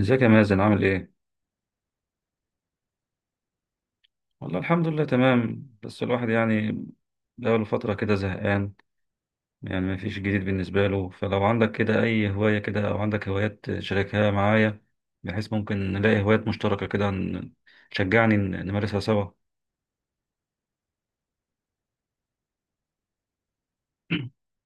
ازيك يا مازن، عامل ايه؟ والله الحمد لله تمام، بس الواحد يعني بقاله فترة كده زهقان. يعني مفيش جديد بالنسبة له، فلو عندك كده أي هواية كده أو عندك هوايات شاركها معايا، بحيث ممكن نلاقي هوايات مشتركة كده تشجعني نمارسها سوا.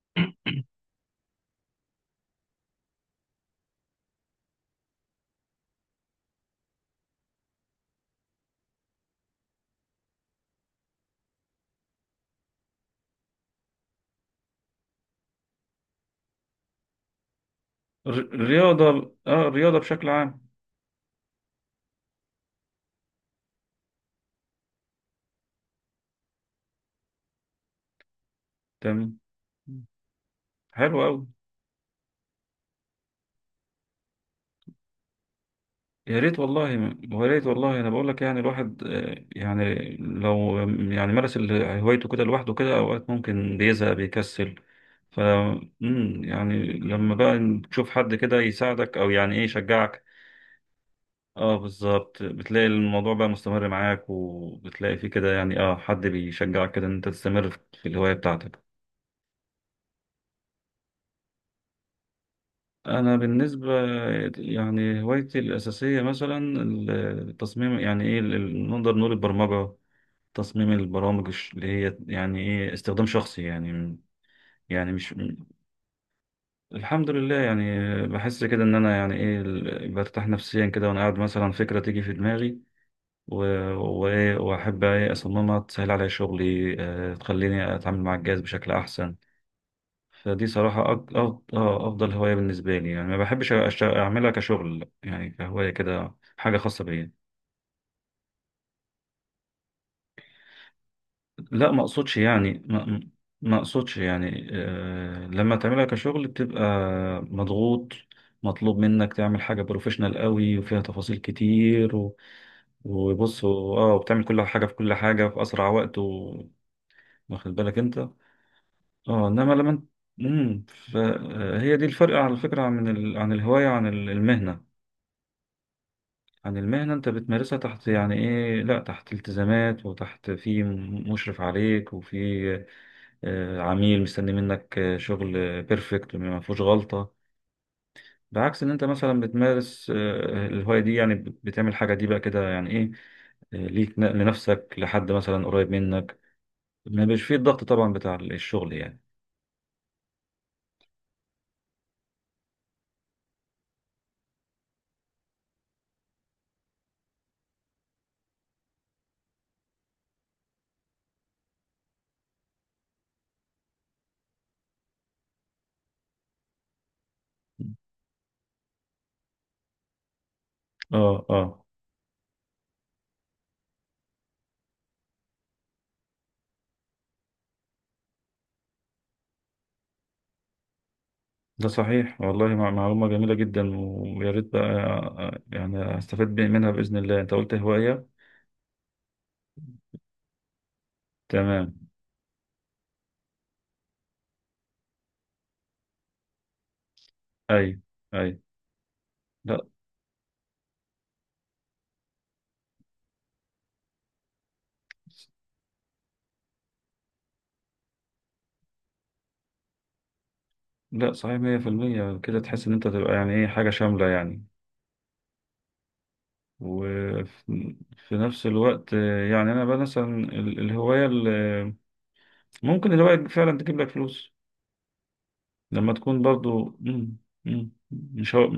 الرياضة بشكل عام. تمام، حلو أوي. يا ريت والله، انا بقول لك يعني الواحد، يعني لو يعني مارس هوايته كده لوحده، كده اوقات ممكن بيزهق بيكسل. ف يعني لما بقى تشوف حد كده يساعدك او يعني ايه يشجعك. اه، بالظبط، بتلاقي الموضوع بقى مستمر معاك وبتلاقي فيه كده، يعني حد بيشجعك كده ان انت تستمر في الهواية بتاعتك. انا بالنسبة يعني هوايتي الاساسية مثلا التصميم، يعني ايه نقدر نقول البرمجة، تصميم البرامج اللي هي يعني ايه استخدام شخصي يعني. يعني مش الحمد لله يعني، بحس كده ان انا يعني ايه برتاح نفسيا كده، وانا قاعد مثلا فكرة تيجي في دماغي و- وايه، واحب ايه اصممها تسهل عليا شغلي، تخليني اتعامل مع الجهاز بشكل احسن. فدي صراحة افضل هواية بالنسبة لي، يعني ما بحبش اعملها كشغل، يعني كهواية كده حاجة خاصة بيا. لا، ما اقصدش يعني، لما تعملها كشغل بتبقى مضغوط، مطلوب منك تعمل حاجة بروفيشنال قوي وفيها تفاصيل كتير. و... وبص، وبتعمل كل حاجة في أسرع وقت، و... واخد بالك أنت. اه، إنما لما امم فهي دي الفرق على فكرة، عن الهواية، عن المهنة أنت بتمارسها تحت، يعني إيه لا، تحت التزامات، وتحت في مشرف عليك، وفي عميل مستني منك شغل بيرفكت ما فيهوش غلطة. بعكس ان انت مثلا بتمارس الهواية دي، يعني بتعمل حاجة دي بقى كده يعني ايه ليك، لنفسك، لحد مثلا قريب منك، ما بيش فيه الضغط طبعا بتاع الشغل يعني. اه، اه، ده صحيح والله، معلومة جميلة جدا. ويا ريت بقى، يعني استفاد منها بإذن الله. انت قلت هواية، تمام. اي، اي. لا، لا، صحيح 100%. كده تحس ان انت تبقى يعني ايه حاجة شاملة يعني. وفي نفس الوقت، يعني أنا بقى مثلا الهواية اللي ممكن الهواية فعلا تجيب لك فلوس لما تكون برضو، مش هو-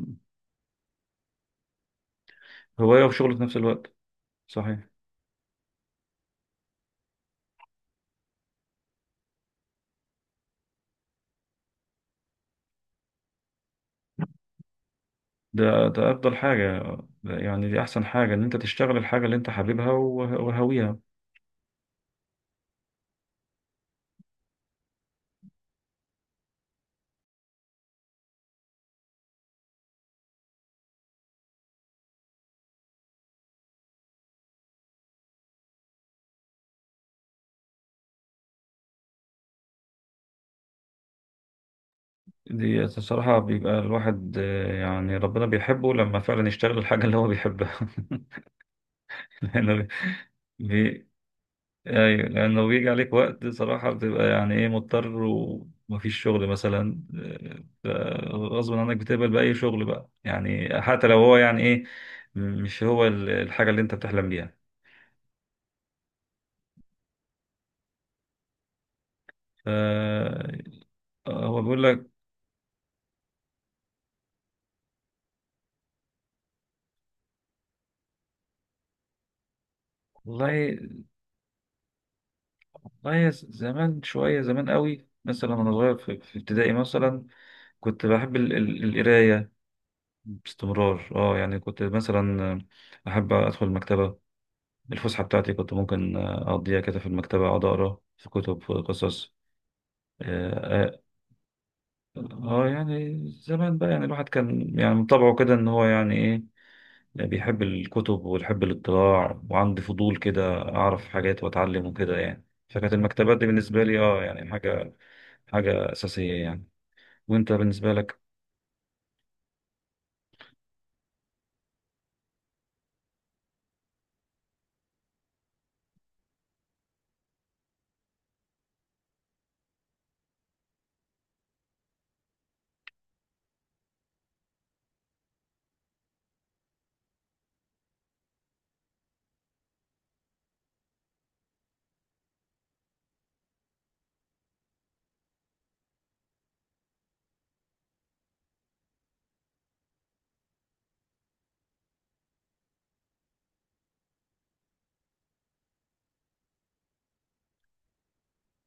هواية وشغل في نفس الوقت، صحيح. ده أفضل حاجة، ده يعني دي أحسن حاجة إن أنت تشتغل الحاجة اللي أنت حاببها، وهاويها. دي الصراحة بيبقى الواحد، يعني ربنا بيحبه لما فعلا يشتغل الحاجة اللي هو بيحبها. لأنه بي- ايوه، لان لو بيجي عليك وقت صراحة بتبقى يعني ايه مضطر، ومفيش شغل مثلا، ف- غصب عنك بتقبل بأي شغل بقى، يعني حتى لو هو يعني ايه مش هو الحاجة اللي انت بتحلم بيها. ف- هو بيقول لك والله. والله زمان، شوية زمان قوي، مثلا وانا صغير في ابتدائي مثلا كنت بحب القراية باستمرار. اه يعني كنت مثلا احب ادخل المكتبة. الفسحة بتاعتي كنت ممكن أقضيها كده في المكتبة، أقعد أقرأ في كتب، في قصص. آه, آه, يعني زمان بقى، يعني الواحد كان يعني من طبعه كده إن هو يعني إيه بيحب الكتب ويحب الاطلاع، وعندي فضول كده أعرف حاجات وأتعلم وكده يعني. فكانت المكتبات دي بالنسبة لي يعني حاجة أساسية يعني. وأنت بالنسبة لك؟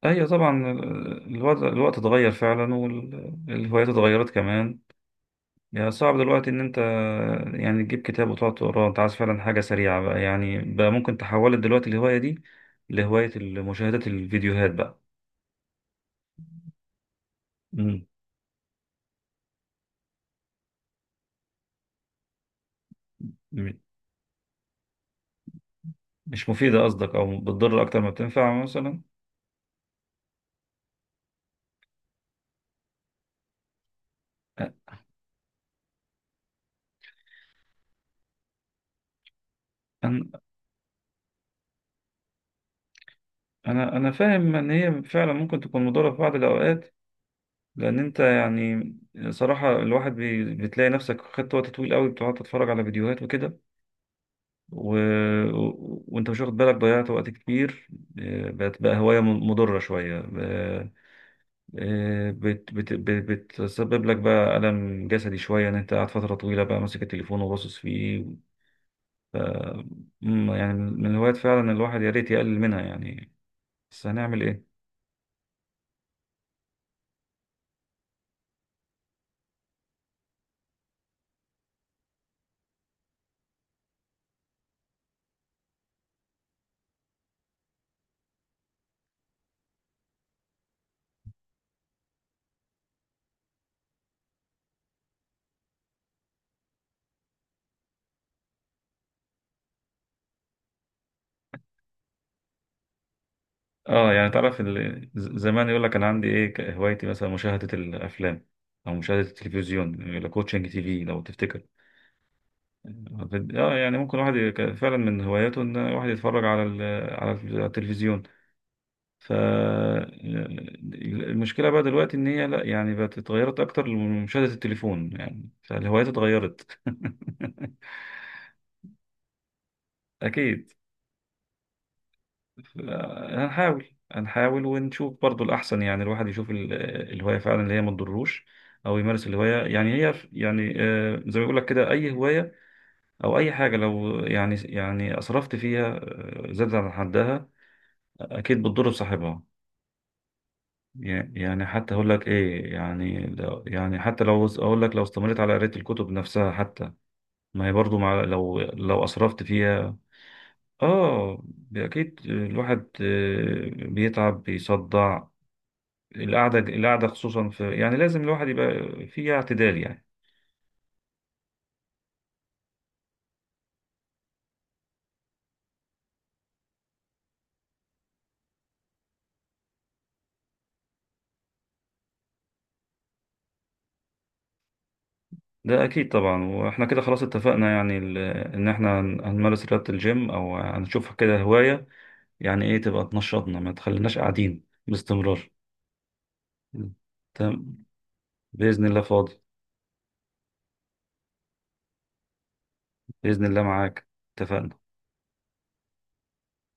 أيوة طبعا، الوضع الوقت اتغير فعلا، والهوايات اتغيرت كمان. يعني صعب دلوقتي إن أنت يعني تجيب كتاب وتقعد تقراه. أنت عايز فعلا حاجة سريعة بقى، يعني بقى ممكن تحولت دلوقتي الهواية دي لهواية مشاهدة الفيديوهات بقى. مم. م- مش مفيدة قصدك، أو بتضر أكتر ما بتنفع مثلا. أ- أنا أنا فاهم إن هي فعلا ممكن تكون مضرة في بعض الأوقات، لأن أنت يعني صراحة الواحد بتلاقي نفسك خدت وقت طويل قوي بتقعد تتفرج على فيديوهات وكده، و... وانت مش واخد بالك ضيعت وقت كتير. بقت بقى هواية مضرة شوية، آه، بت... بت... بت... بتسبب لك بقى ألم جسدي شوية، إن أنت قاعد فترة طويلة بقى ماسك التليفون وباصص فيه. آه، يعني من الهوايات فعلا الواحد يا ريت يقلل منها يعني. بس هنعمل إيه؟ يعني تعرف، زمان يقول لك أنا عندي إيه، هوايتي مثلا مشاهدة الأفلام أو مشاهدة التلفزيون. يقول لك كوتشنج تي في لو تفتكر. يعني ممكن واحد فعلا من هواياته ان واحد يتفرج على على التلفزيون. ف المشكله بقى دلوقتي ان هي لا، يعني بقت اتغيرت اكتر لمشاهده التليفون يعني، فالهوايات اتغيرت. اكيد. ف- هنحاول، ونشوف برضو الاحسن، يعني الواحد يشوف الهوايه فعلا اللي هي ما تضروش، او يمارس الهوايه، يعني هي يعني زي ما بيقول لك كده اي هوايه او اي حاجه، لو يعني اسرفت فيها، زادت عن حدها اكيد بتضر بصاحبها. يعني حتى اقول لك ايه، يعني لو يعني حتى لو اقول لك لو استمريت على قرايه الكتب نفسها، حتى ما هي برضو، مع لو اسرفت فيها. اه، اكيد الواحد بيتعب بيصدع. القعده القعده خصوصا، في يعني لازم الواحد يبقى فيها اعتدال يعني. ده اكيد طبعا، واحنا كده خلاص اتفقنا يعني ان احنا هنمارس رياضه الجيم، او هنشوف كده هوايه يعني ايه تبقى تنشطنا، ما تخليناش قاعدين باستمرار. تمام، بإذن الله فاضي. بإذن الله معاك، اتفقنا.